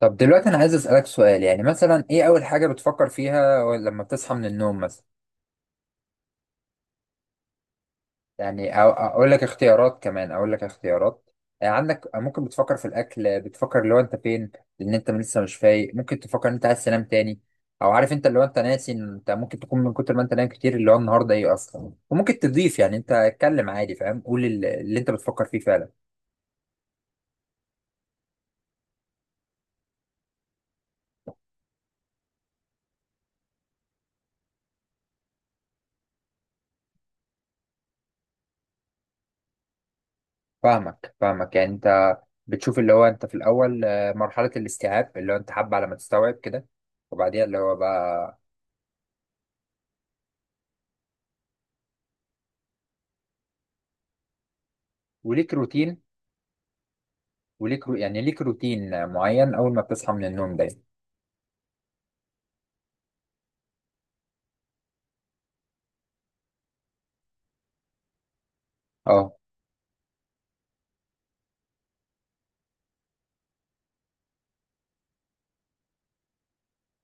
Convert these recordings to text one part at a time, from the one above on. طب دلوقتي انا عايز اسالك سؤال، يعني مثلا ايه اول حاجه بتفكر فيها لما بتصحى من النوم مثلا؟ يعني اقول لك اختيارات، كمان اقول لك اختيارات. يعني عندك ممكن بتفكر في الاكل، بتفكر لو انت فين. لان انت لسه مش فايق ممكن تفكر ان انت عايز تنام تاني. او عارف انت اللي هو انت ناسي إن انت ممكن تكون من كتر ما انت نايم كتير اللي هو النهارده ايه اصلا. وممكن تضيف، يعني انت اتكلم عادي، فاهم؟ قول اللي انت بتفكر فيه فعلا. فاهمك يعني انت بتشوف اللي هو انت في الاول، مرحله الاستيعاب اللي هو انت حابه على ما تستوعب كده. وبعديها اللي هو بقى، وليك روتين. يعني ليك روتين معين اول ما بتصحى من النوم ده. اه.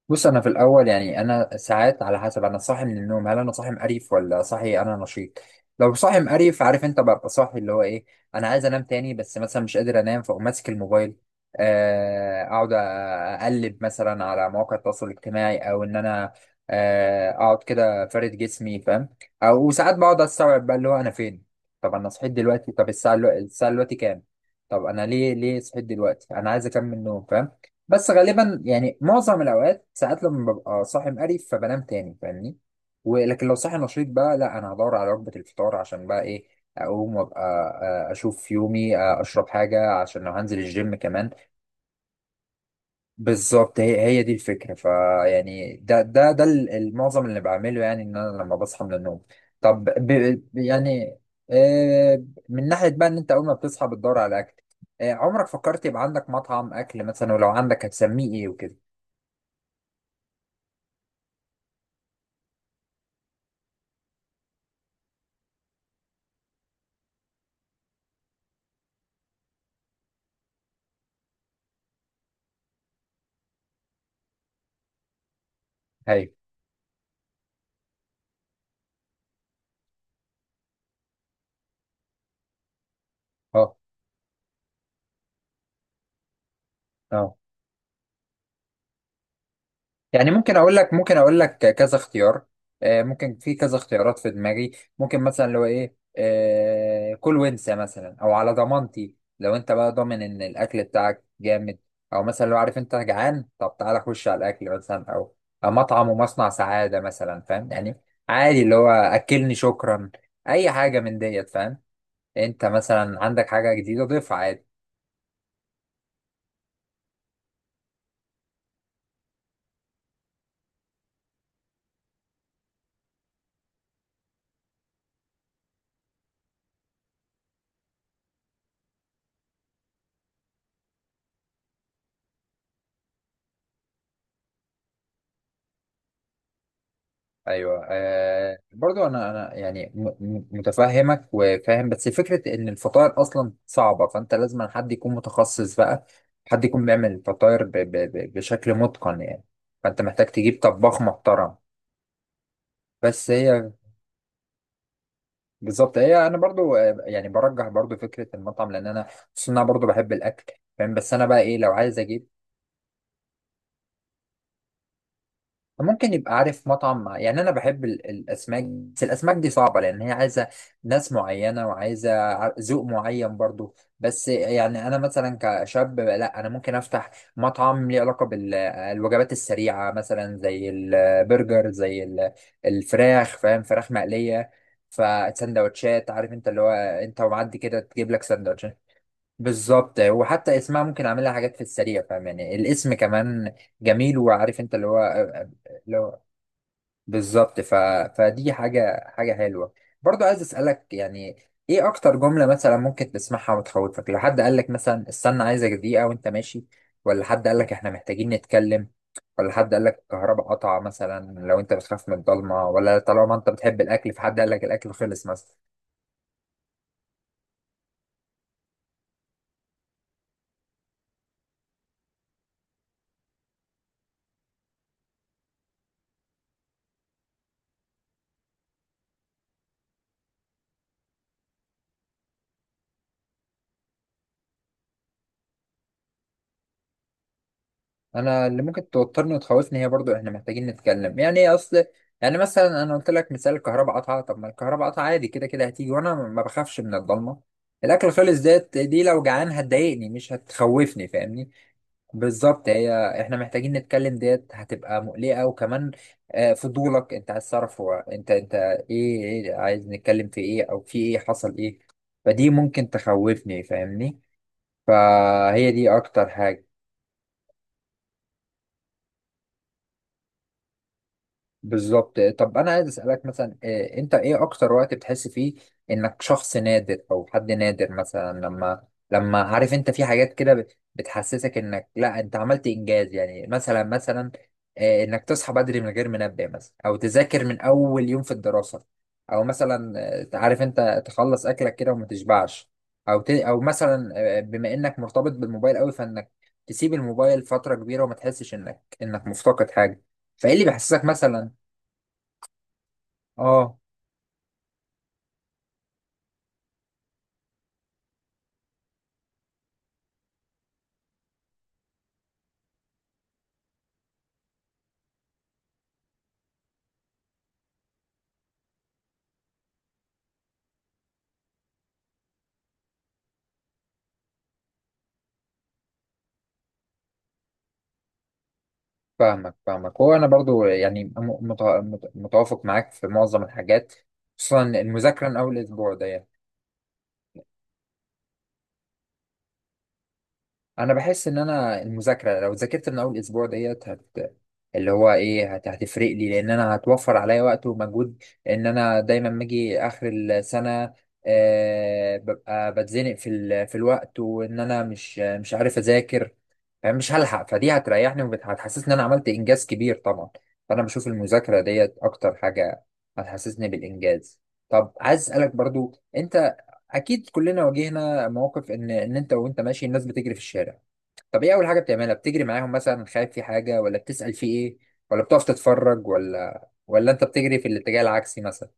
بص انا في الاول يعني انا ساعات على حسب انا صاحي من النوم، هل انا صاحي مقريف ولا صاحي انا نشيط. لو صاحي مقريف عارف انت، ببقى صاحي اللي هو ايه، انا عايز انام تاني بس مثلا مش قادر انام، فاقوم ماسك الموبايل. اقعد اقلب مثلا على مواقع التواصل الاجتماعي، او ان انا اقعد كده فارد جسمي، فاهم؟ او وساعات بقعد استوعب بقى اللي هو انا فين. طب انا صحيت دلوقتي، طب الساعه الساعه دلوقتي كام؟ طب انا ليه صحيت دلوقتي، انا عايز اكمل نوم، فاهم؟ بس غالبا يعني معظم الاوقات ساعات لما ببقى صاحي مقرف فبنام تاني، فاهمني؟ ولكن لو صاحي نشيط بقى لا، انا هدور على وجبة الفطار عشان بقى ايه، اقوم وابقى اشوف يومي، اشرب حاجة عشان لو هنزل الجيم كمان. بالظبط، هي دي الفكرة. فيعني ده المعظم اللي بعمله يعني ان انا لما بصحى من النوم. طب يعني آه، من ناحية بقى ان انت اول ما بتصحى بتدور على اكل، عمرك فكرت يبقى عندك مطعم اكل مثلا، ولو عندك هتسميه ايه وكده؟ اه. اه يعني، ممكن اقول لك، ممكن اقول لك كذا اختيار، ممكن في كذا اختيارات في دماغي. ممكن مثلا لو ايه كل وانسى مثلا، او على ضمانتي لو انت بقى ضامن ان الاكل بتاعك جامد، او مثلا لو عارف انت جعان طب تعالى خش على الاكل مثلا، او أو مطعم ومصنع سعادة مثلا، فاهم يعني؟ عادي اللي هو اكلني شكرا، اي حاجة من ديت، فاهم؟ انت مثلا عندك حاجة جديدة ضيفها عادي. ايوه آه، برضو انا انا يعني متفهمك وفاهم، بس فكره ان الفطاير اصلا صعبه، فانت لازم حد يكون متخصص بقى، حد يكون بيعمل الفطاير ب ب ب بشكل متقن يعني، فانت محتاج تجيب طباخ محترم. بس هي، بالظبط هي، انا برضو يعني برجح برضو فكره المطعم، لان انا خصوصا انا برضو بحب الاكل، فاهم؟ بس انا بقى ايه لو عايز اجيب، ممكن يبقى عارف مطعم يعني انا بحب الاسماك، بس الاسماك دي صعبه لان هي عايزه ناس معينه، وعايزه ذوق معين برضو. بس يعني انا مثلا كشاب، لا انا ممكن افتح مطعم ليه علاقه بالوجبات السريعه مثلا زي البرجر، زي الفراخ، فاهم؟ فراخ مقليه، فسندوتشات، عارف انت اللي هو انت ومعدي كده تجيب لك سندوتشات. بالظبط، وحتى اسمها ممكن اعملها حاجات في السريع، فاهم يعني؟ الاسم كمان جميل، وعارف انت اللي هو، بالظبط. ف... فدي حاجة حلوة. برضو عايز أسألك يعني، إيه أكتر جملة مثلا ممكن تسمعها وتخوفك؟ لو حد قالك مثلا استنى عايزك دقيقة وأنت ماشي، ولا حد قالك إحنا محتاجين نتكلم، ولا حد قالك الكهرباء قطع مثلا لو أنت بتخاف من الضلمة، ولا طالما أنت بتحب الأكل فحد قالك الأكل خلص مثلا. انا اللي ممكن توترني وتخوفني هي برضو احنا محتاجين نتكلم، يعني ايه اصل؟ يعني مثلا انا قلت لك مثال الكهرباء قطعه، طب ما الكهرباء قطعه عادي كده كده هتيجي، وانا ما بخافش من الضلمه. الاكل خالص ديت دي لو جعان هتضايقني مش هتخوفني، فاهمني؟ بالظبط هي، احنا محتاجين نتكلم ديت هتبقى مقلقة، وكمان فضولك انت عايز تعرف هو انت، انت ايه ايه عايز نتكلم في ايه، او في ايه، حصل ايه، فدي ممكن تخوفني، فاهمني؟ فهي دي اكتر حاجة. بالظبط. طب انا عايز اسالك مثلا انت ايه اكتر وقت بتحس فيه انك شخص نادر او حد نادر مثلا؟ لما عارف انت في حاجات كده بتحسسك انك لا انت عملت انجاز، يعني مثلا انك تصحى بدري من غير منبه مثلا، او تذاكر من اول يوم في الدراسة، او مثلا عارف انت تخلص اكلك كده وما تشبعش، او او مثلا بما انك مرتبط بالموبايل قوي فانك تسيب الموبايل فترة كبيرة وما تحسش انك مفتقد حاجة، فايه اللي بيحسسك مثلا؟ اه. فاهمك فاهمك، هو انا برضو يعني متوافق معاك في معظم الحاجات، خصوصا المذاكره من اول اسبوع ده يعني. انا بحس ان انا المذاكره لو ذاكرت من اول اسبوع ديت هت، اللي هو ايه، هت... هتفرق لي، لان انا هتوفر عليا وقت ومجهود، ان انا دايما باجي اخر السنه، آه ببقى بتزنق في ال... في الوقت، وان انا مش عارف اذاكر، مش هلحق، فدي هتريحني وهتحسسني ان انا عملت انجاز كبير طبعا. فانا بشوف المذاكره ديت اكتر حاجه هتحسسني بالانجاز. طب عايز اسالك برضو انت، اكيد كلنا واجهنا مواقف ان انت وانت ماشي الناس بتجري في الشارع، طب ايه اول حاجه بتعملها؟ بتجري معاهم مثلا خايف في حاجه، ولا بتسال في ايه، ولا بتقف تتفرج، ولا انت بتجري في الاتجاه العكسي مثلا؟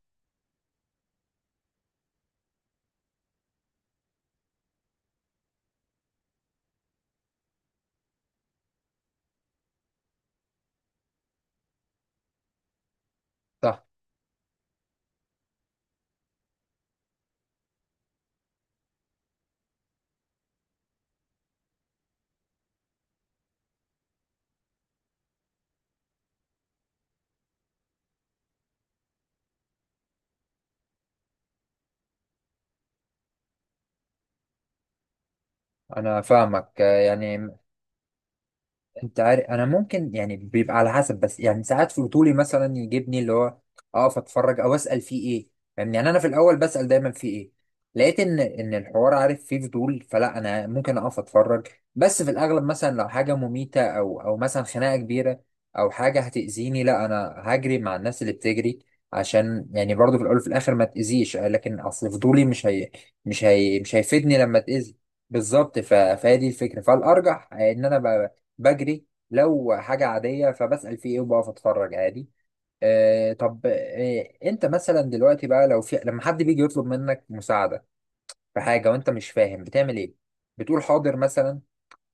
صح. انا فاهمك يعني انت عارف انا ممكن، يعني بيبقى على حسب، بس يعني ساعات فضولي مثلا يجيبني اللي هو اقف اتفرج او اسال فيه ايه، فاهمني؟ يعني انا في الاول بسال دايما فيه ايه، لقيت ان الحوار عارف فيه فضول فلا انا ممكن اقف اتفرج. بس في الاغلب مثلا لو حاجه مميته، او مثلا خناقه كبيره، او حاجه هتاذيني، لا انا هجري مع الناس اللي بتجري عشان يعني برضو في الاول وفي الاخر ما تاذيش، لكن اصل فضولي مش هيفيدني لما تاذي. بالظبط. ف... فهي دي الفكره، فالارجح ان انا بجري، لو حاجة عادية فبسأل في ايه وبقف اتفرج عادي. آه، طب آه انت مثلا دلوقتي بقى لو في، لما حد بيجي يطلب منك مساعدة في حاجة وانت مش فاهم، بتعمل ايه؟ بتقول حاضر مثلا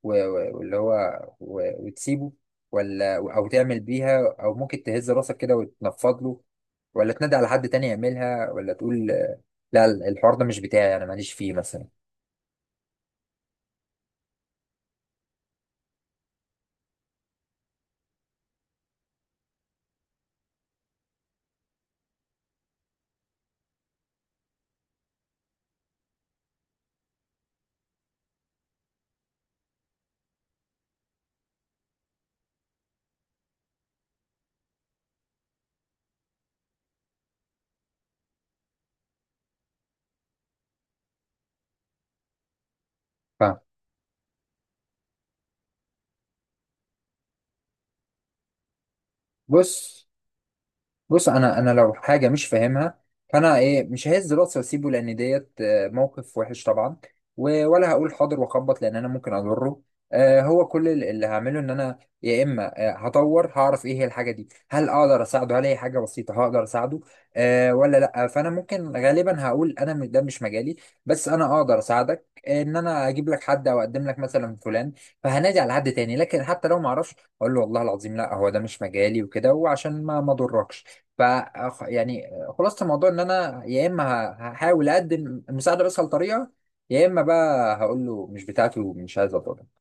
واللي هو وتسيبه، ولا او تعمل بيها، او ممكن تهز راسك كده وتنفض له، ولا تنادي على حد تاني يعملها، ولا تقول لا الحوار ده مش بتاعي انا ماليش فيه مثلا؟ فاهم. بص. بص انا، انا لو حاجه مش فاهمها فانا ايه، مش ههز راسي واسيبه لان ديت موقف وحش طبعا، ولا هقول حاضر واخبط لان انا ممكن اضره. هو كل اللي هعمله ان انا يا اما هطور هعرف ايه هي الحاجه دي، هل اقدر اساعده، هل هي حاجه بسيطه هقدر اساعده أه ولا لا، فانا ممكن غالبا هقول انا ده مش مجالي، بس انا اقدر اساعدك ان انا اجيب لك حد او اقدم لك مثلا فلان، فهنادي على حد تاني. لكن حتى لو ما اعرفش اقول له والله العظيم لا هو ده مش مجالي وكده، وعشان ما اضركش. ف، يعني، خلاصة الموضوع ان انا يا اما هحاول اقدم المساعدة بأسهل طريقة، يا اما بقى هقول له مش بتاعتي ومش عايز أطلب.